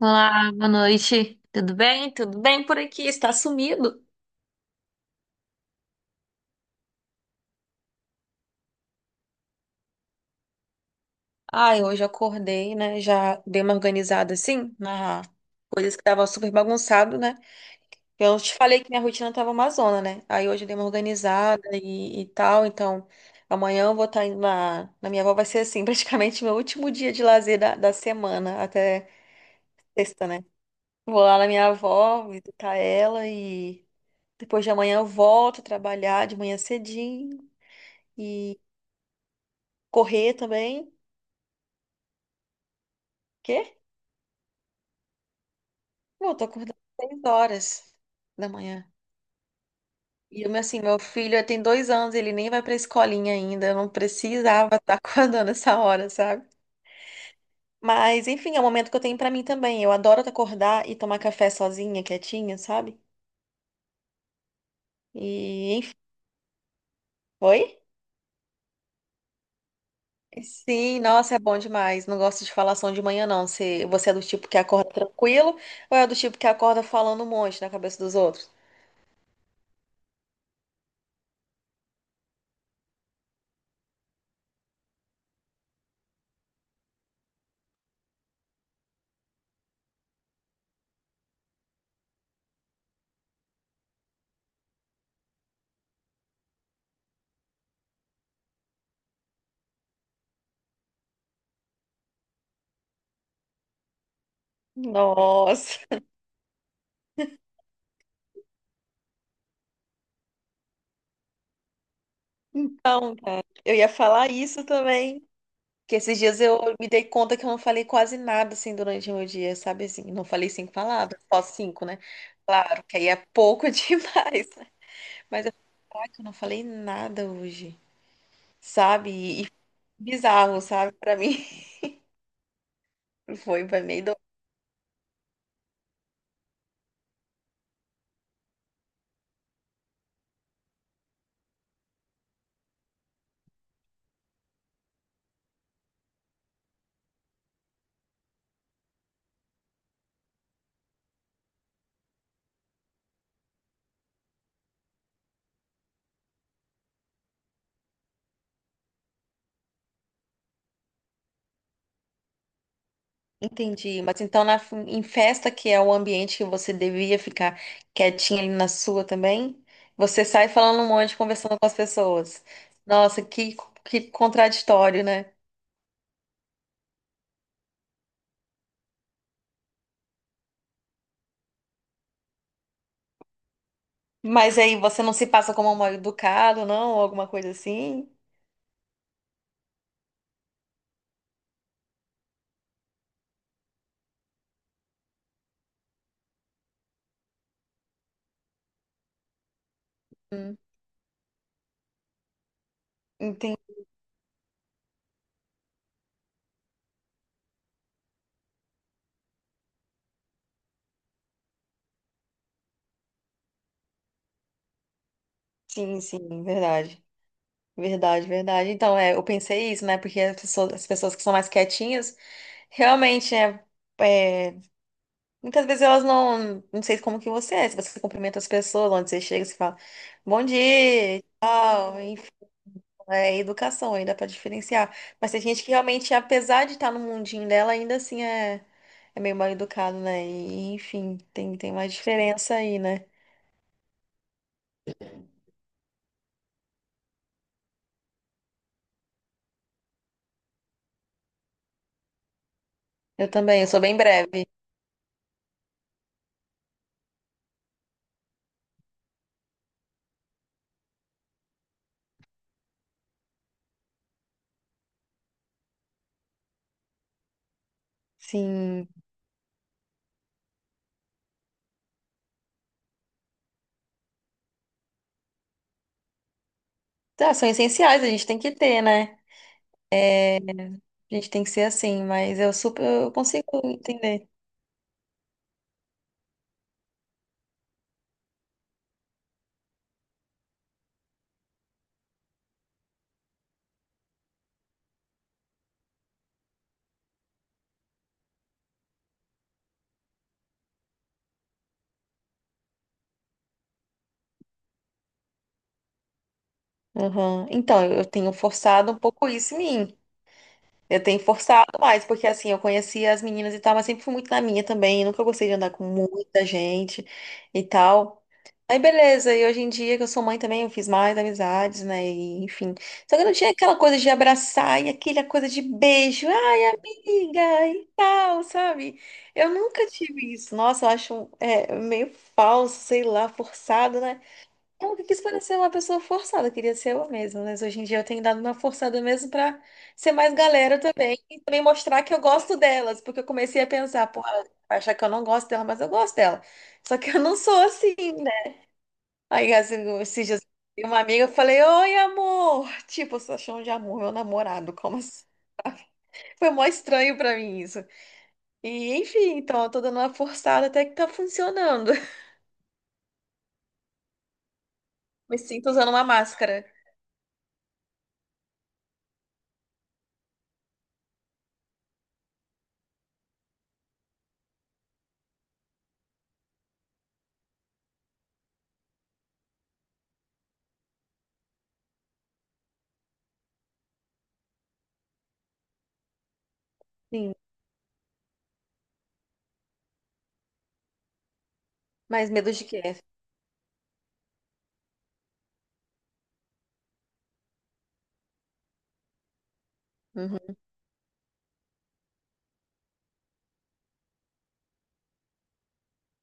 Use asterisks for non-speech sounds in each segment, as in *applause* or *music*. Olá, boa noite. Tudo bem? Tudo bem por aqui? Está sumido? Ai, hoje eu acordei, né? Já dei uma organizada assim na coisas que tava super bagunçado, né? Eu te falei que minha rotina tava uma zona, né? Aí hoje eu dei uma organizada e tal, então amanhã eu vou estar indo na minha avó, vai ser assim, *laughs* praticamente meu último dia de lazer da semana, até sexta, né? Vou lá na minha avó, visitar ela e depois de amanhã eu volto a trabalhar de manhã cedinho. Correr também. Quê? Pô, eu tô acordando às 6 horas da manhã. E eu, assim, meu filho tem 2 anos, ele nem vai pra escolinha ainda. Eu não precisava estar *laughs* acordando essa hora, sabe? Mas, enfim, é o momento que eu tenho pra mim também. Eu adoro acordar e tomar café sozinha, quietinha, sabe? E, enfim, foi? Sim, nossa, é bom demais. Não gosto de falação de manhã, não. Você é do tipo que acorda tranquilo ou é do tipo que acorda falando um monte na cabeça dos outros? Nossa. Então, cara, eu ia falar isso também. Que esses dias eu me dei conta que eu não falei quase nada assim durante o meu dia, sabe assim? Não falei 5 palavras, só 5, né? Claro, que aí é pouco *laughs* demais. Né? Mas eu falei, caraca, eu não falei nada hoje, sabe? E foi bizarro, sabe? Pra mim, *laughs* foi, foi meio doido. Entendi, mas então em festa, que é o ambiente que você devia ficar quietinha ali na sua também, você sai falando um monte, conversando com as pessoas. Nossa, que contraditório, né? Mas aí você não se passa como um mal educado, não? Ou alguma coisa assim? Hum, entendi, sim, sim, verdade. Verdade, verdade. Então, é, eu pensei isso, né? Porque as pessoas que são mais quietinhas, realmente, né? É, muitas vezes elas não, não sei como que você é, se você cumprimenta as pessoas, onde você chega, você fala, bom dia, tal, enfim, é educação, aí dá pra diferenciar. Mas tem gente que realmente, apesar de estar no mundinho dela, ainda assim é, é meio mal educado, né? E, enfim, tem uma diferença aí, né? Eu também, eu sou bem breve. Sim. Tá, são essenciais, a gente tem que ter, né? A gente tem que ser assim, mas eu super eu consigo entender. Uhum. Então, eu tenho forçado um pouco isso em mim. Eu tenho forçado mais, porque assim, eu conhecia as meninas e tal, mas sempre fui muito na minha também. Nunca gostei de andar com muita gente e tal. Aí beleza, e hoje em dia que eu sou mãe também, eu fiz mais amizades, né? E, enfim. Só que eu não tinha aquela coisa de abraçar e aquela coisa de beijo, ai, amiga, e tal, sabe? Eu nunca tive isso. Nossa, eu acho é, meio falso, sei lá, forçado, né? Eu nunca quis parecer uma pessoa forçada, eu queria ser eu mesma, mas hoje em dia eu tenho dado uma forçada mesmo pra ser mais galera também e também mostrar que eu gosto delas, porque eu comecei a pensar, pô, ela vai achar que eu não gosto dela, mas eu gosto dela. Só que eu não sou assim, né? Aí assim, esses dias eu vi uma amiga, eu falei, oi, amor! Tipo, você achou de amor, meu namorado, como assim? Foi mó estranho pra mim isso. E enfim, então eu tô dando uma forçada até que tá funcionando. *laughs* Me sinto usando uma máscara. Sim, mas medo de quê? Uhum.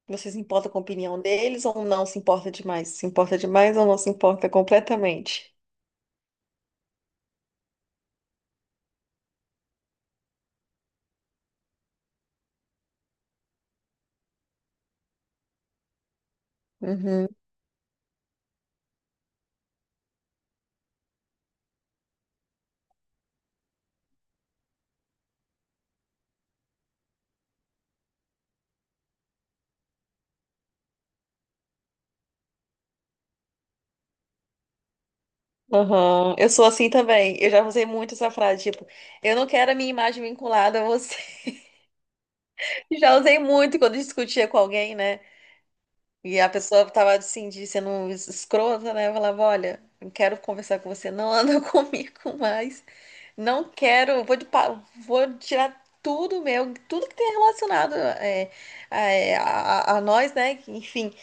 Você se importa com a opinião deles ou não se importa demais? Se importa demais ou não se importa completamente? Uhum. Aham. Eu sou assim também. Eu já usei muito essa frase, tipo, eu não quero a minha imagem vinculada a você. *laughs* Já usei muito quando discutia com alguém, né? E a pessoa tava assim, de sendo escrota, né? Eu falava, olha, não quero conversar com você, não anda *laughs* comigo mais. Não quero, vou tirar tudo meu, tudo que tem relacionado é, é, a nós, né? Enfim.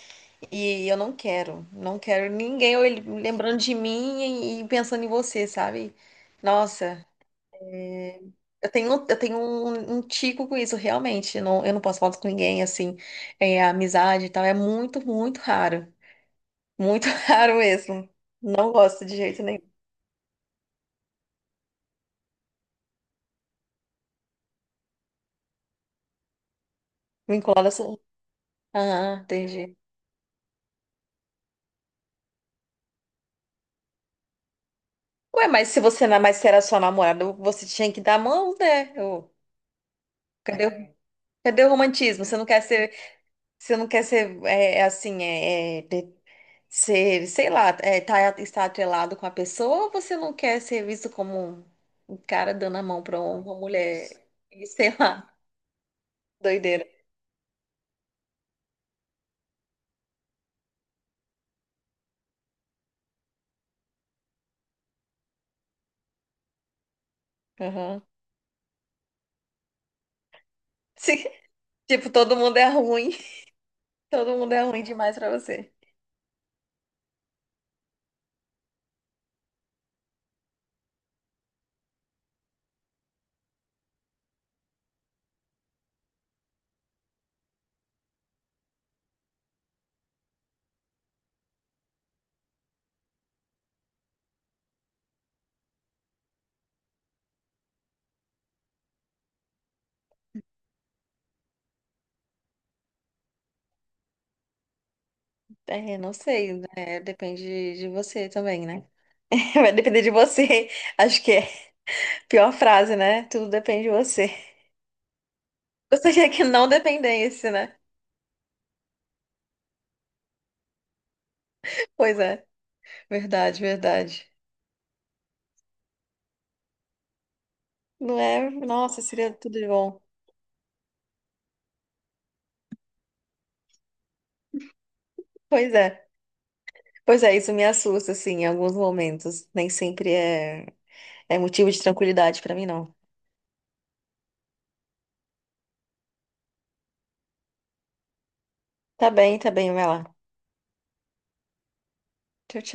E eu não quero, não quero ninguém lembrando de mim e pensando em você, sabe? Nossa, eu tenho um, um tico com isso, realmente. Eu não posso falar com ninguém, assim, é, amizade e tal. É muito, muito raro. Muito *laughs* raro mesmo. Não gosto de jeito nenhum. Me incomoda assim. Aham, entendi. Ué, mas se você não mais era sua namorada, você tinha que dar a mão, né? Ô, cadê, cadê o romantismo? Você não quer ser é, é assim, é, é, ser, sei lá, é, tá, está atrelado com a pessoa ou você não quer ser visto como um cara dando a mão pra uma mulher? E sei lá, *laughs* doideira. Aham. Sim, *laughs* tipo, todo mundo é ruim. *laughs* Todo mundo é ruim demais pra você. É, não sei, né? Depende de você também, né? *laughs* Vai depender de você. *laughs* Acho que é a pior frase, né? Tudo depende de você. *laughs* Você quer que não dependesse, né? Pois é, verdade, verdade. Não é? Nossa, seria tudo de bom. Pois é. Pois é, isso me assusta, assim, em alguns momentos. Nem sempre é, é motivo de tranquilidade pra mim, não. Tá bem, vai lá. Tchau, tchau.